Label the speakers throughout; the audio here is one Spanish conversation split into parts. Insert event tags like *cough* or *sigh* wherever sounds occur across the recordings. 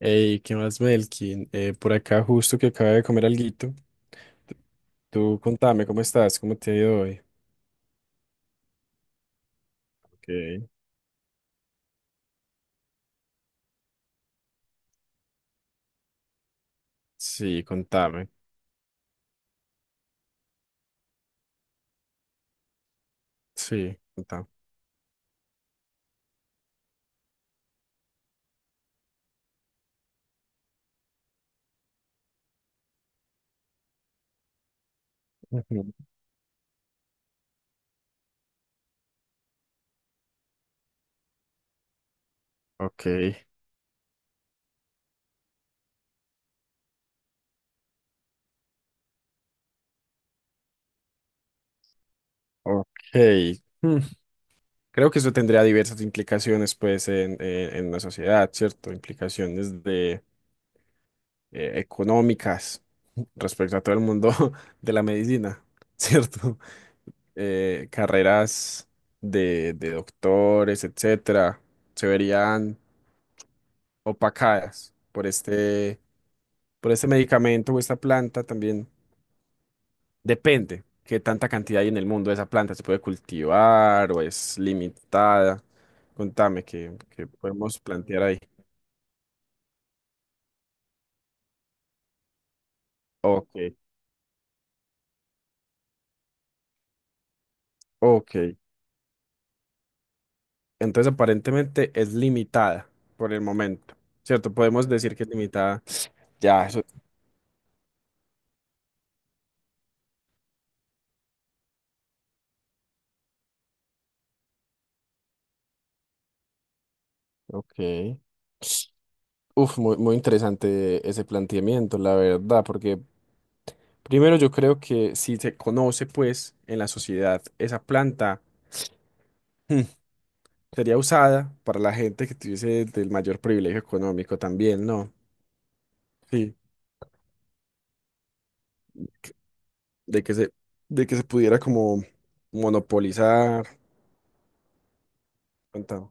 Speaker 1: Ey, ¿qué más, Melkin? Por acá justo que acaba de comer alguito. Tú contame, ¿cómo estás? ¿Cómo te ha ido hoy? Ok. Sí, contame. Sí, contame. Ujú. Ok, ok. Hmm, Creo que eso tendría diversas implicaciones, pues, en la sociedad, ¿cierto? Implicaciones de económicas respecto a todo el mundo *laughs* de la medicina, *laughs* ¿cierto? Carreras de doctores, etcétera, se verían opacadas por por este medicamento o esta planta también. Depende qué tanta cantidad hay en el mundo de esa planta. ¿Se puede cultivar o es limitada? Contame, ¿qué podemos plantear ahí? Ok, ok. Entonces, aparentemente es limitada por el momento, ¿cierto? Podemos decir que es limitada. Ya, eso. Ok. Uf, muy interesante ese planteamiento, la verdad, porque primero yo creo que si se conoce, pues, en la sociedad, esa planta hmm, sería usada para la gente que tuviese del mayor privilegio económico también, ¿no? Sí, de que se, de que se pudiera como monopolizar. tanta-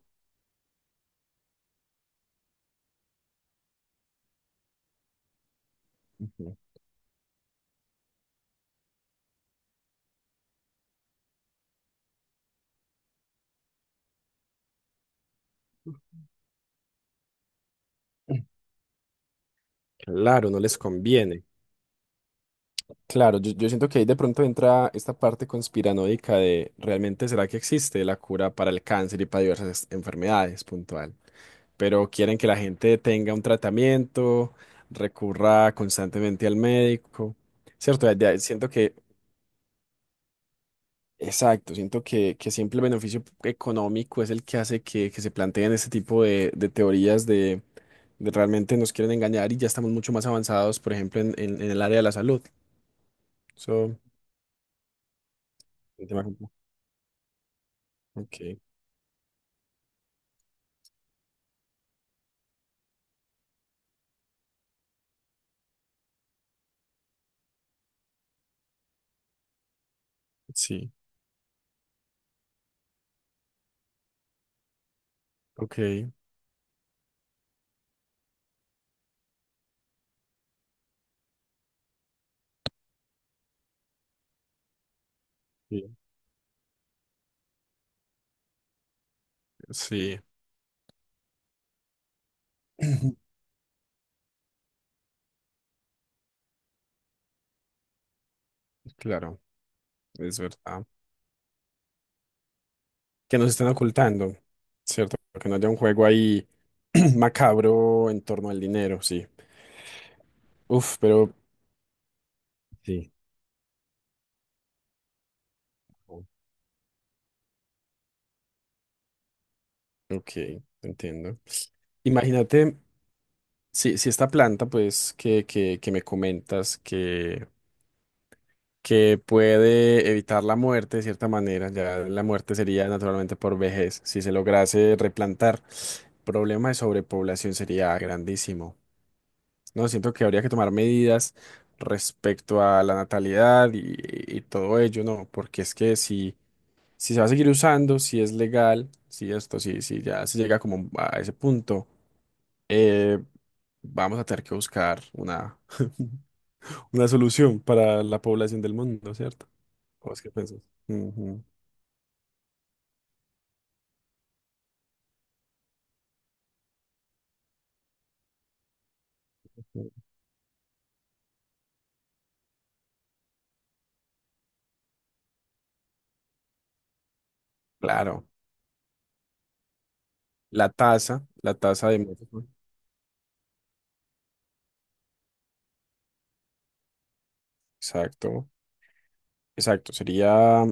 Speaker 1: Claro, no les conviene. Claro, yo siento que ahí de pronto entra esta parte conspiranoica de realmente será que existe la cura para el cáncer y para diversas enfermedades puntual. Pero quieren que la gente tenga un tratamiento, recurra constantemente al médico, ¿cierto? Siento exacto, siento que siempre el beneficio económico es el que hace que se planteen este tipo de teorías de realmente nos quieren engañar y ya estamos mucho más avanzados, por ejemplo, en el área de la salud. Eso es un tema complejo. Ok, sí, ok, sí, sí, *clears throat* claro, es verdad. Que nos están ocultando, ¿cierto? Que no haya un juego ahí *clears throat* macabro en torno al dinero, sí. Uf, pero, sí. Ok, entiendo. Imagínate, si esta planta, pues, que me comentas que puede evitar la muerte de cierta manera. Ya la muerte sería naturalmente por vejez. Si se lograse replantar, el problema de sobrepoblación sería grandísimo. No, siento que habría que tomar medidas respecto a la natalidad y todo ello, ¿no? Porque es que si, si se va a seguir usando, si es legal, si esto, si ya se llega como a ese punto, eh, vamos a tener que buscar una, *laughs* una solución para la población del mundo, ¿cierto? ¿Cómo es que pensás? Ujú, ujú. Claro. La tasa de México. Exacto, exacto. Sería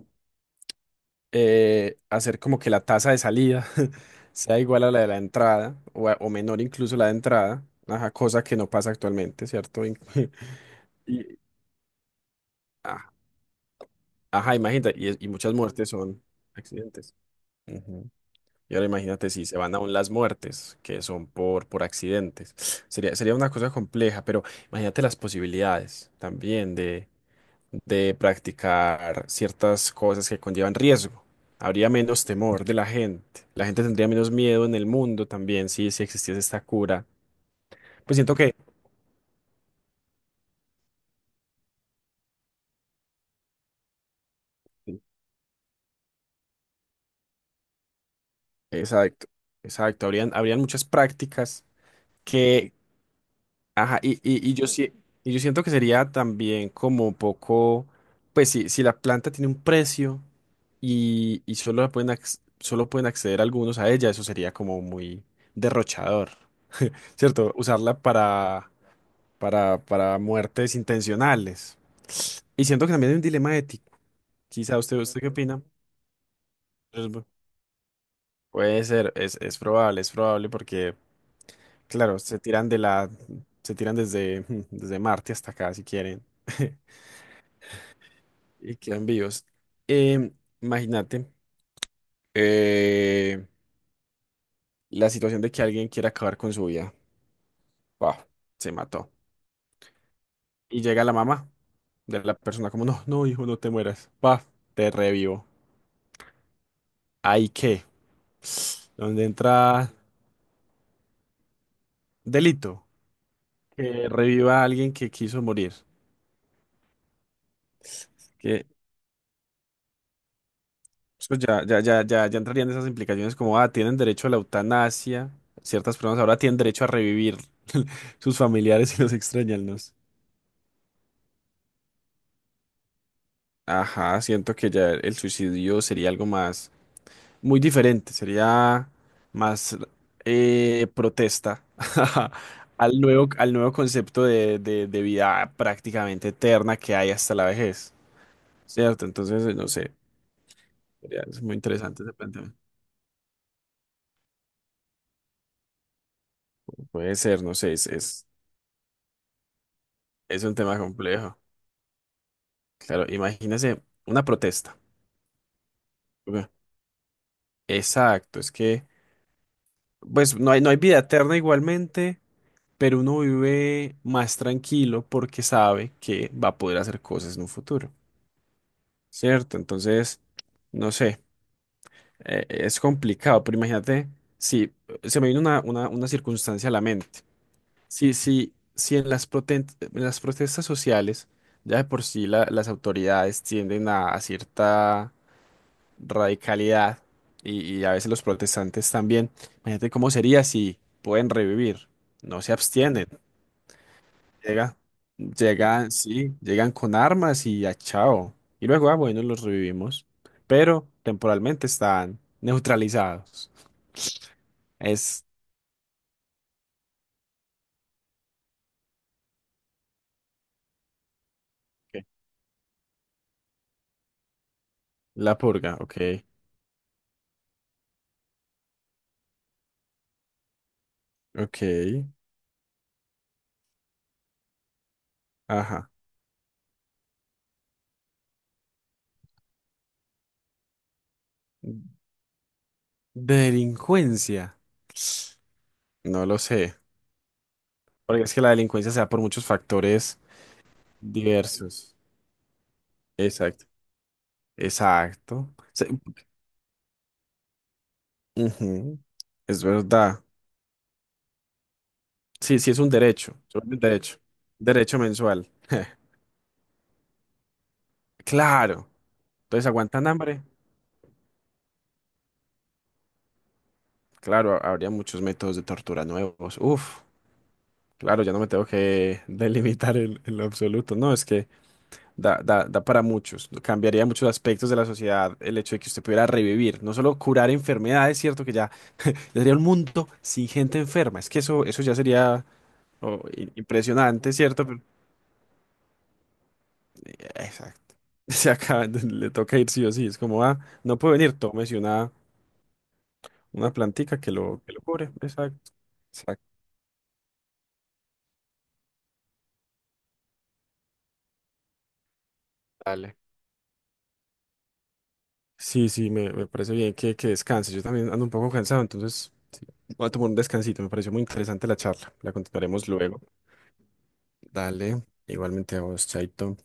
Speaker 1: hacer como que la tasa de salida *laughs* sea igual a la de la entrada o menor incluso la de entrada, ajá, cosa que no pasa actualmente, ¿cierto? *laughs* Y, ah, ajá, imagínate, y muchas muertes son accidentes. Y ahora imagínate si se van aún las muertes, que son por accidentes. Sería una cosa compleja, pero imagínate las posibilidades también de practicar ciertas cosas que conllevan riesgo. Habría menos temor de la gente. La gente tendría menos miedo en el mundo también si, si existiese esta cura. Pues siento que, exacto, exacto, habrían, habrían muchas prácticas que, ajá, y yo siento que sería también como un poco, pues si, si la planta tiene un precio. Y solo solo pueden acceder algunos a ella, eso sería como muy derrochador, ¿cierto? Usarla para muertes intencionales. Y siento que también hay un dilema ético. Quizá usted, ¿usted qué opina? Es bu- Puede ser, es probable porque, claro, se tiran de la, se tiran desde, *laughs* desde Marte hasta acá si quieren *laughs* y quedan vivos. Em, Imagínate eh, la situación de que alguien quiera acabar con su vida. Paf, se mató. Y llega la mamá de la persona como, no, no, hijo, no te mueras. Paf, te revivo. ¿Ahí qué? ¿Donde entra delito? Que reviva a alguien que quiso morir. Que Pues ya, ya, ya, ya, ya entrarían esas implicaciones como, ah, tienen derecho a la eutanasia. Ciertas personas ahora tienen derecho a revivir *laughs* sus familiares y los extrañan, ¿no? Ajá, siento que ya el suicidio sería algo más. Muy diferente, sería más protesta *laughs* al nuevo concepto de vida prácticamente eterna que hay hasta la vejez, ¿cierto? Entonces, no sé, es muy interesante ese planteamiento. Puede ser, no sé, es un tema complejo. Claro, imagínese una protesta. Ok. Exacto, es que, pues no hay, no hay vida eterna igualmente. Pero uno vive más tranquilo porque sabe que va a poder hacer cosas en un futuro. ¿Cierto? Entonces, no sé, es complicado, pero imagínate, si se me vino una circunstancia a la mente. Si, si, si en en las protestas sociales, ya de por sí las autoridades tienden a cierta radicalidad y a veces los protestantes también, imagínate cómo sería si pueden revivir, no se abstienen. Llega, llegan, sí, llegan con armas y a chao. Y luego, ah, bueno, los revivimos. Pero temporalmente están neutralizados. Es ok. La purga, ok. Ok, ajá. Delincuencia. No lo sé. Porque es que la delincuencia se da por muchos factores diversos. Exacto. Exacto. Ujú, es verdad. Sí, sí, es un derecho. Es un derecho. Derecho mensual. *laughs* Claro. Entonces, ¿aguantan hambre? Claro, habría muchos métodos de tortura nuevos. Uf, claro, ya no me tengo que *laughs* delimitar en lo absoluto. No, es que da, da, da para muchos. Cambiaría muchos aspectos de la sociedad el hecho de que usted pudiera revivir. No solo curar enfermedades, cierto que ya, ya sería un mundo sin gente enferma. Es que eso ya sería oh, impresionante, ¿cierto? Pero exacto. *laughs* Se acaba, le toca ir sí o sí. Es como, ah, no puede venir, tómese una plantica que lo cubre. Exacto. Dale. Sí, sí, me parece bien que descanses. Yo también ando un poco cansado, entonces sí, voy a tomar un descansito. Me pareció muy interesante la charla. La continuaremos luego. Dale, igualmente a vos, Chaito.